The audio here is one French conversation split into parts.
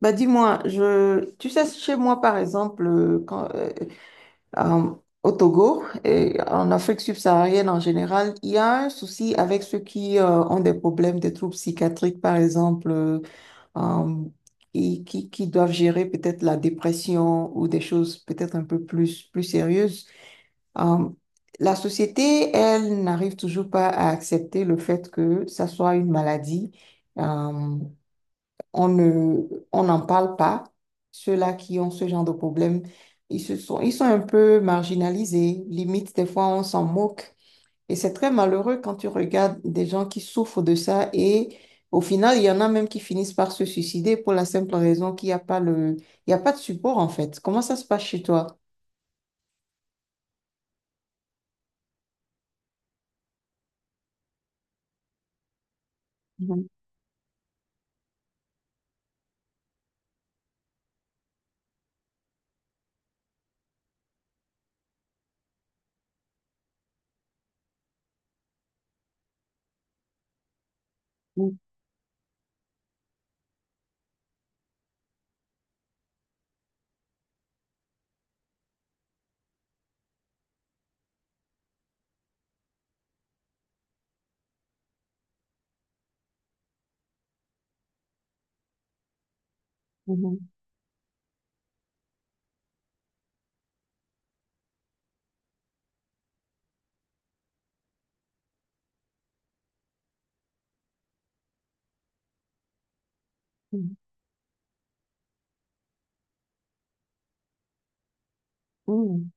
Bah dis-moi, tu sais, chez moi par exemple, euh, au Togo et en Afrique subsaharienne en général, il y a un souci avec ceux qui ont des problèmes, des troubles psychiatriques par exemple, euh, et qui doivent gérer peut-être la dépression ou des choses peut-être un peu plus sérieuses. Euh, la société, elle, n'arrive toujours pas à accepter le fait que ça soit une maladie. Euh, on n'en parle pas. Ceux-là qui ont ce genre de problème, ils sont un peu marginalisés. Limite, des fois, on s'en moque. Et c'est très malheureux quand tu regardes des gens qui souffrent de ça et au final, il y en a même qui finissent par se suicider pour la simple raison qu'il n'y a pas le, il y a pas de support en fait. Comment ça se passe chez toi? Mhm, mhm, mhm, mhm,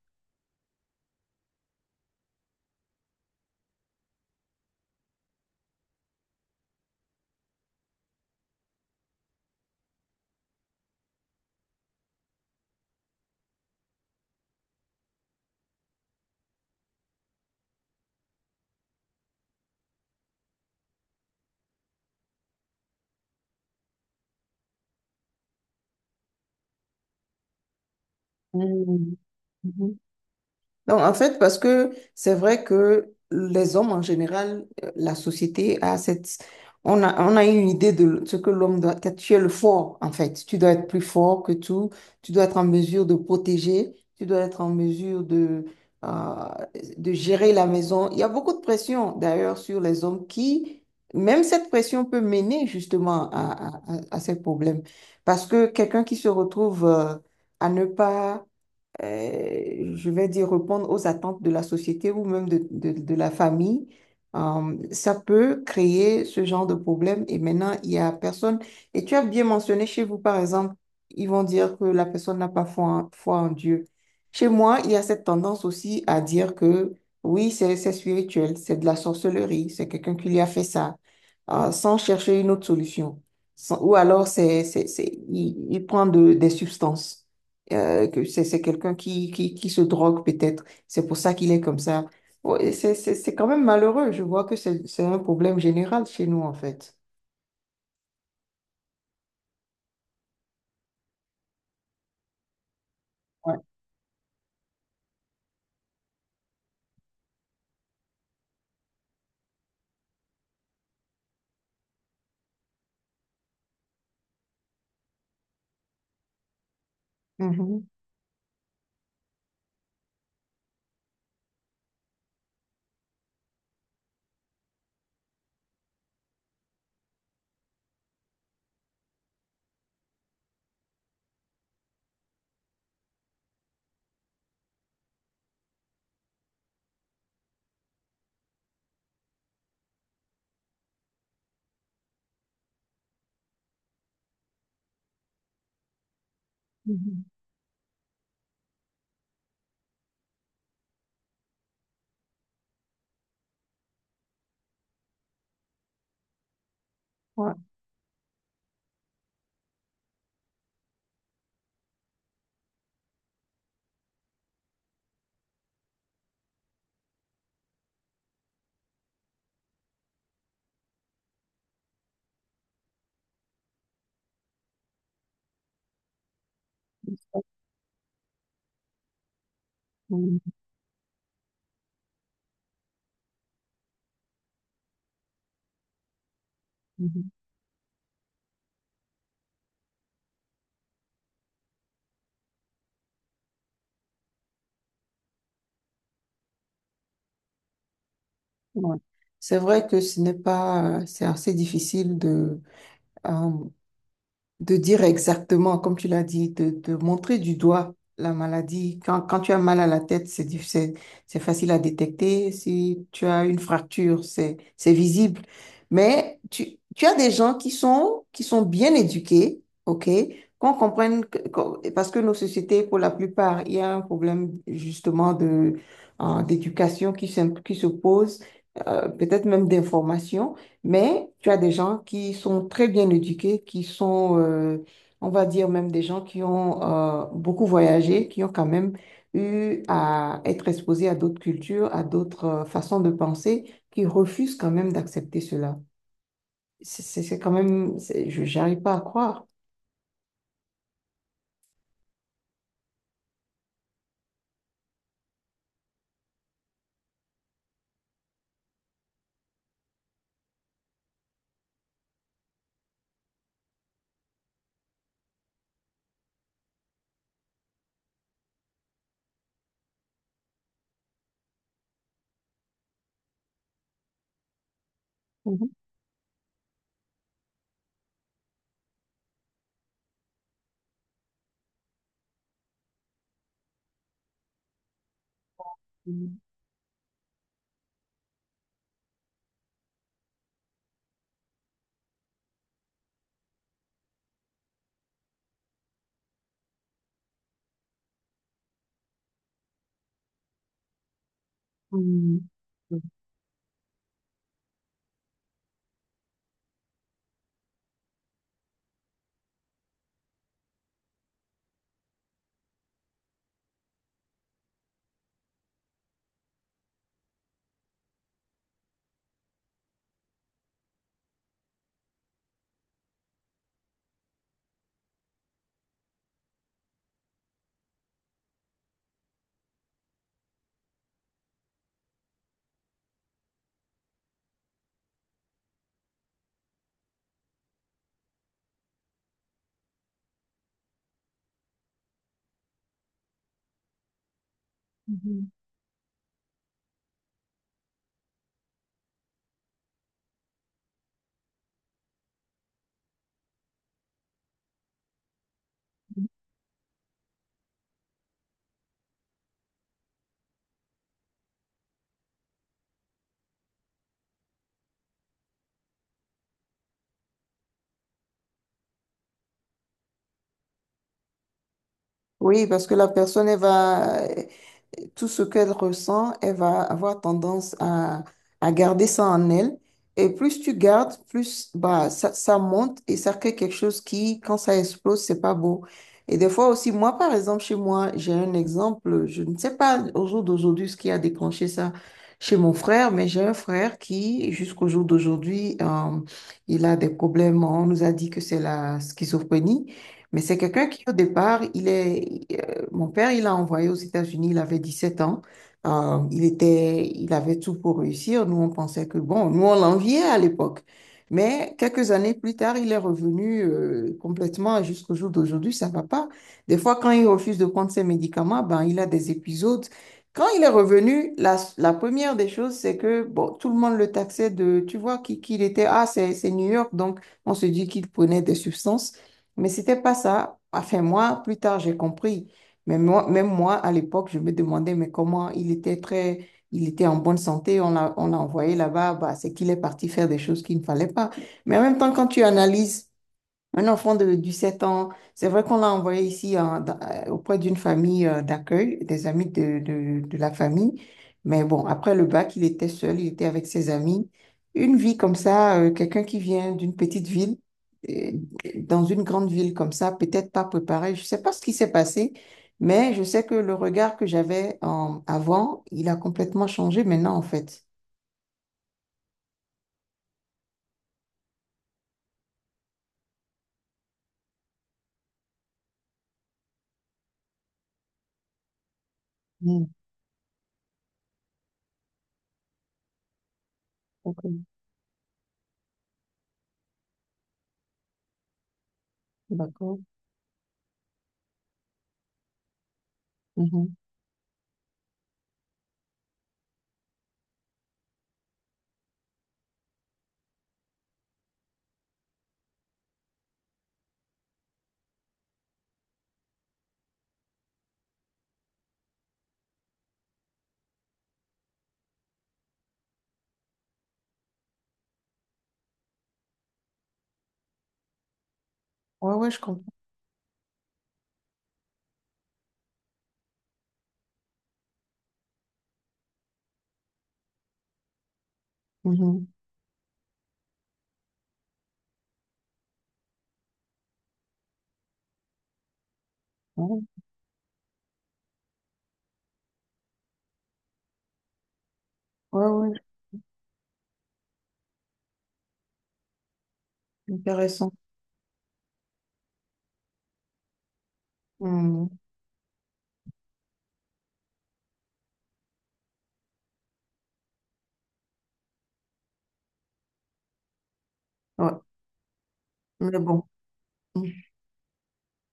mhm, mhm, mhm. Donc, en fait, parce que c'est vrai que les hommes en général, la société a cette... On a une idée de ce que l'homme doit être. Tu es le fort, en fait. Tu dois être plus fort que tout. Tu dois être en mesure de protéger. Tu dois être en mesure euh, de gérer la maison. Il y a beaucoup de pression, d'ailleurs, sur les hommes qui, même cette pression peut mener justement à ces problèmes. Parce que quelqu'un qui se retrouve, à ne pas je vais dire, répondre aux attentes de la société ou même de la famille, ça peut créer ce genre de problème et maintenant, il y a personne. Et tu as bien mentionné chez vous, par exemple, ils vont dire que la personne n'a pas foi en Dieu. Chez moi, il y a cette tendance aussi à dire que oui, c'est spirituel, c'est de la sorcellerie, c'est quelqu'un qui lui a fait ça, sans chercher une autre solution. Ou alors, il prend des substances que c'est quelqu'un qui se drogue peut-être. C'est pour ça qu'il est comme ça. Ouais, c'est quand même malheureux. Je vois que c'est un problème général chez nous, en fait. Ouais. Mhm. Mhm. Ouais. Mhm. Mhm. Ouais. C'est vrai que ce n'est pas, c'est assez difficile euh, de dire exactement, comme tu l'as dit, de montrer du doigt la maladie. Quand tu as mal à la tête, c'est facile à détecter. Si tu as une fracture, c'est visible. Mais tu as des gens qui sont bien éduqués, OK? Qu'on comprenne, parce que nos sociétés, pour la plupart, il y a un problème justement de, d'éducation qui se pose, peut-être même d'information. Mais tu as des gens qui sont très bien éduqués, qui sont, on va dire même des gens qui ont beaucoup voyagé, qui ont quand même eu à être exposés à d'autres cultures, à d'autres façons de penser, qui refusent quand même d'accepter cela. C'est quand même, c'est- Je n'arrive pas à croire. Mhm. Mhm. Oui, parce que la personne, elle va, tout ce qu'elle ressent, elle va avoir tendance à garder ça en elle. Et plus tu gardes, plus bah, ça monte et ça crée quelque chose qui, quand ça explose, c'est pas beau. Et des fois aussi, moi, par exemple, chez moi, j'ai un exemple, je ne sais pas au jour d'aujourd'hui ce qui a déclenché ça chez mon frère, mais j'ai un frère qui, jusqu'au jour d'aujourd'hui, il a des problèmes. On nous a dit que c'est la schizophrénie. Mais c'est quelqu'un qui, au départ, mon père, il l'a envoyé aux États-Unis, il avait 17 ans. Il il avait tout pour réussir. Nous, on pensait que, bon, nous, on l'enviait à l'époque. Mais quelques années plus tard, il est revenu complètement et jusqu'au jour d'aujourd'hui, ça va pas. Des fois, quand il refuse de prendre ses médicaments, ben, il a des épisodes. Quand il est revenu, la première des choses, c'est que, bon, tout le monde le taxait de, tu vois, qui il était, ah, c'est New York, donc on se dit qu'il prenait des substances. Mais c'était pas ça. Enfin, moi, plus tard, j'ai compris. Mais moi, même moi, à l'époque, je me demandais, mais comment il était très, il était en bonne santé, on l'a envoyé là-bas, bah, c'est qu'il est parti faire des choses qu'il ne fallait pas. Mais en même temps, quand tu analyses, un enfant de 17 ans, c'est vrai qu'on l'a envoyé ici hein, auprès d'une famille d'accueil, des amis de la famille. Mais bon, après le bac, il était seul, il était avec ses amis. Une vie comme ça, quelqu'un qui vient d'une petite ville, euh, dans une grande ville comme ça, peut-être pas préparé. Je sais pas ce qui s'est passé, mais je sais que le regard que j'avais avant, il a complètement changé maintenant, en fait. Hmm, ok, d'accord. Mhm. Ouais, ouais, je comprends. Mhm. Ouais. Ouais, ouais. Intéressant. Hmm. Ouais. Mais bon, hmm.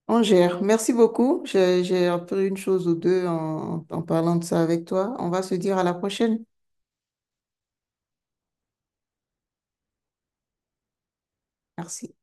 On gère. Merci beaucoup. J'ai appris une chose ou deux en en parlant de ça avec toi. On va se dire à la prochaine. Merci.